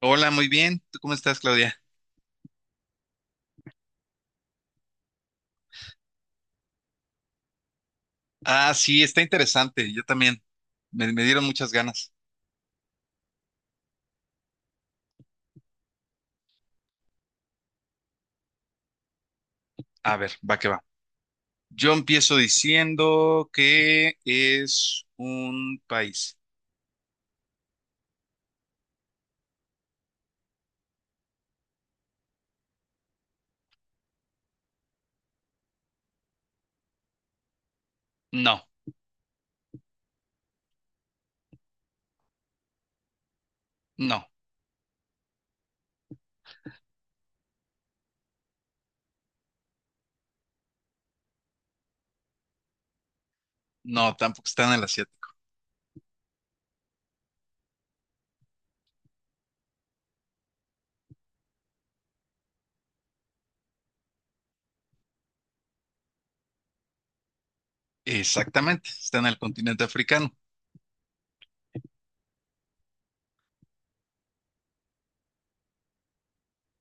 Hola, muy bien. ¿Tú cómo estás, Claudia? Ah, sí, está interesante. Yo también. Me dieron muchas ganas. A ver, va que va. Yo empiezo diciendo que es un país. No, no, no, tampoco está en el asiático. Exactamente, está en el continente africano.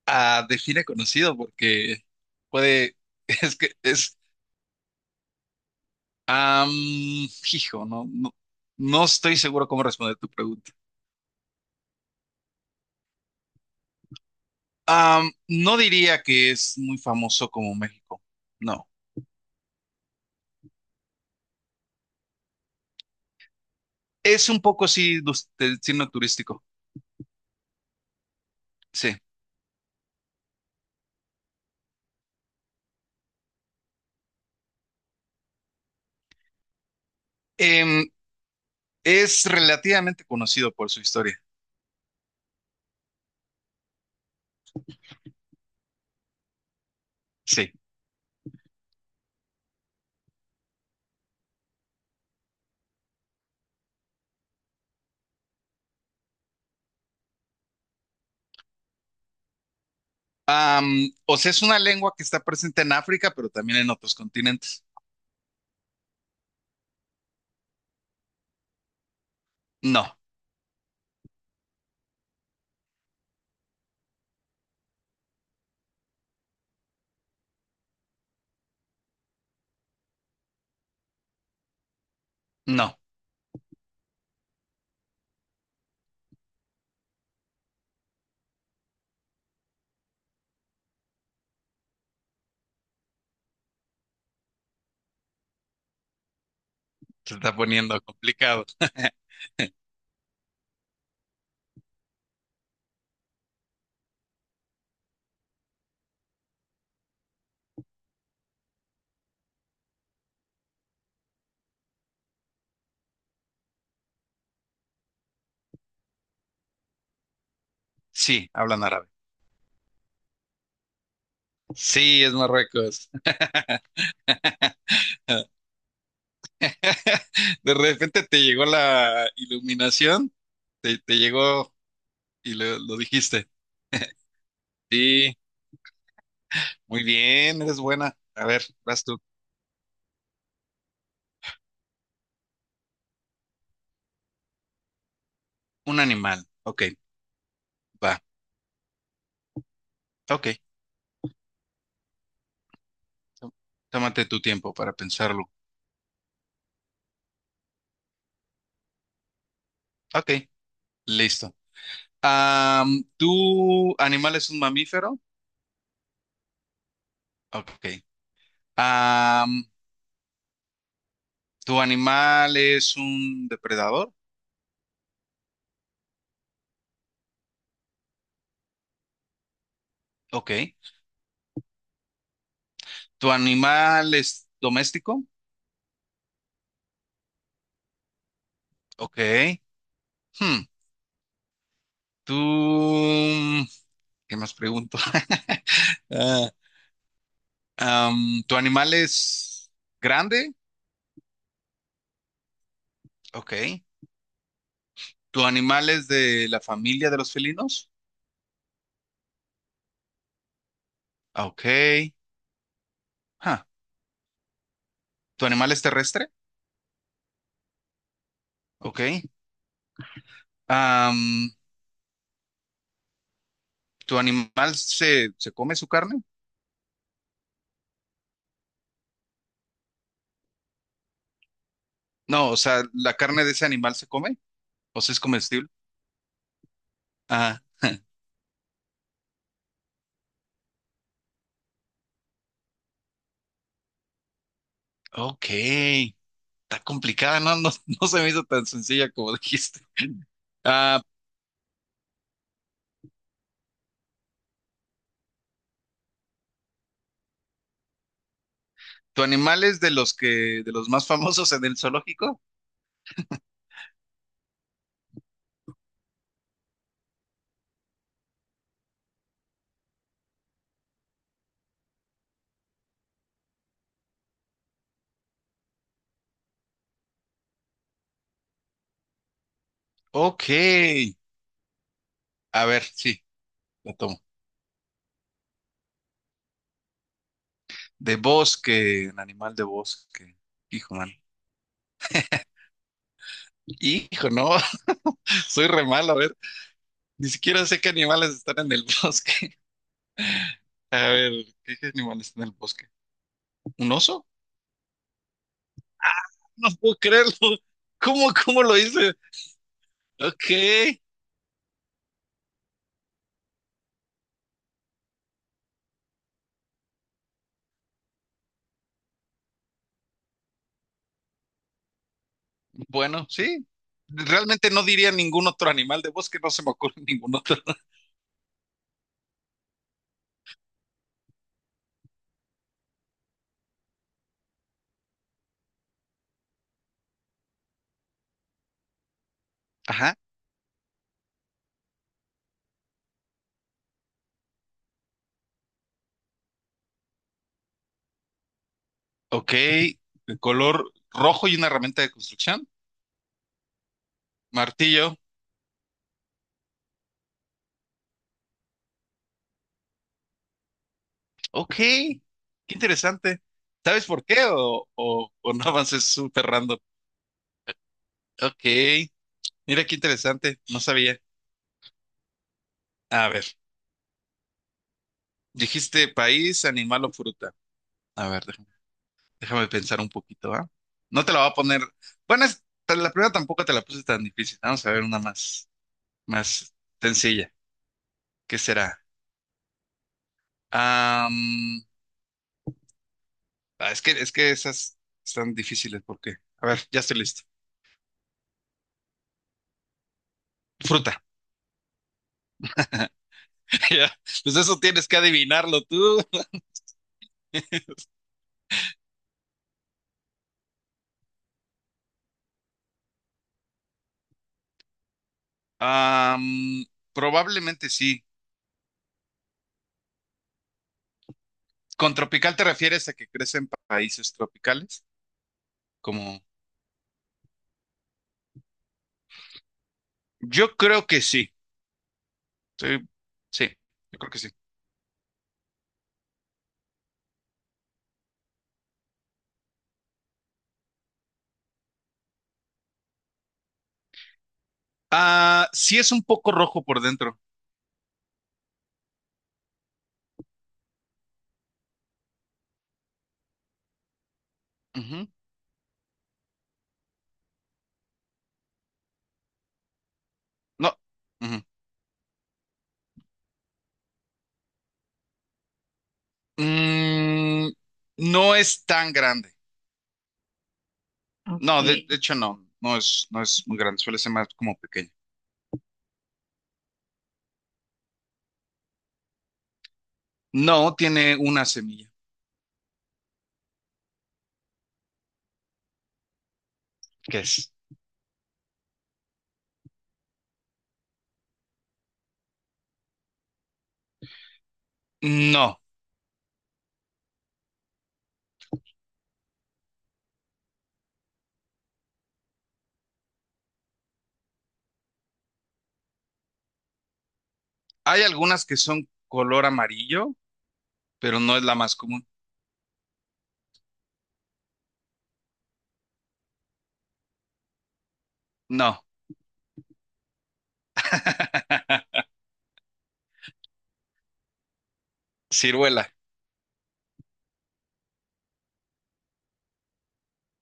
Ah, define conocido porque puede, es que es, am, hijo, no, no, no estoy seguro cómo responder tu pregunta. No diría que es muy famoso como México, no. Es un poco sí destino turístico, sí. Em, es relativamente conocido por su historia, sí. Am, o sea, es una lengua que está presente en África, pero también en otros continentes. No, no, se está poniendo complicado. Sí, hablan árabe. Sí, es Marruecos. De repente te llegó la iluminación, te llegó y lo dijiste. Sí. Muy bien, eres buena. A ver, vas tú. Un animal. Ok, va. Ok. tó- Tómate tu tiempo para pensarlo. Ok, listo. ¿Tu animal es un mamífero? Ok. Am, ¿Tu animal es un depredador? Ok. ¿Tu animal es doméstico? Ok. Hmm. ¿Tú... ¿Qué más pregunto? Ah, ¿Tu animal es grande? Ok. ¿Tu animal es de la familia de los felinos? Ah, ok. Ah, ¿Tu animal es terrestre? Ok. Am, ¿Tu animal se come su carne? No, o sea, ¿la carne de ese animal se come? ¿O sea, es comestible? Ah, ok. Está complicada, ¿no? No, no se me hizo tan sencilla como dijiste. Ah, ¿Tu animal es de los que, de los más famosos en el zoológico? Ok. A ver, sí, lo tomo. De bosque, un animal de bosque. Hijo, man. Hijo, no. Soy re malo, a ver. Ni siquiera sé qué animales están en el bosque. A ver, ¿qué animales están en el bosque? ¿Un oso? No puedo creerlo. ¿Cómo, cómo lo hice? Ok. Bueno, sí. Realmente no diría ningún otro animal de bosque, no se me ocurre ningún otro. Ajá. Ok. El color rojo y una herramienta de construcción. Martillo. Ok. Qué interesante. ¿Sabes por qué? O no avances súper random. Ok. Mira qué interesante. No sabía. A ver. Dijiste país, animal o fruta. A ver, déjame pensar un poquito, ¿ah? No te la voy a poner. Bueno, pues, la primera tampoco te la puse tan difícil. Vamos a ver una más, más sencilla. ¿Qué será? Am, es que, es que esas están difíciles porque. A ver, ya estoy listo. Fruta. Ya. Pues eso tienes que adivinarlo tú. Am, Probablemente sí. Con tropical te refieres a que crece en países tropicales, como yo creo que sí. Sí, sí, yo creo que sí. Ah, sí es un poco rojo por dentro. Ujú. No. Ujú. Mm, no es tan grande. No, de, ok, de hecho no, no es, no es muy grande, suele ser más como pequeño. No, tiene una semilla. ¿Qué es? No, hay algunas que son color amarillo, pero no es la más común. No, ciruela.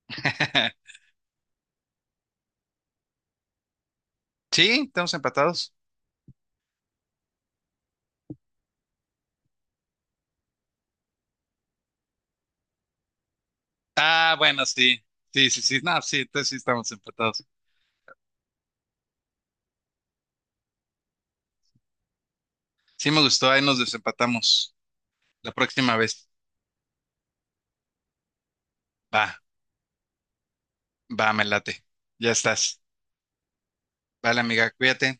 Sí, estamos empatados. Ah, bueno, sí, sí, sí, sí, no, sí, entonces sí estamos empatados. Sí me gustó, ahí nos desempatamos. La próxima vez. Va, va, me late. Ya estás. Vale, amiga, cuídate.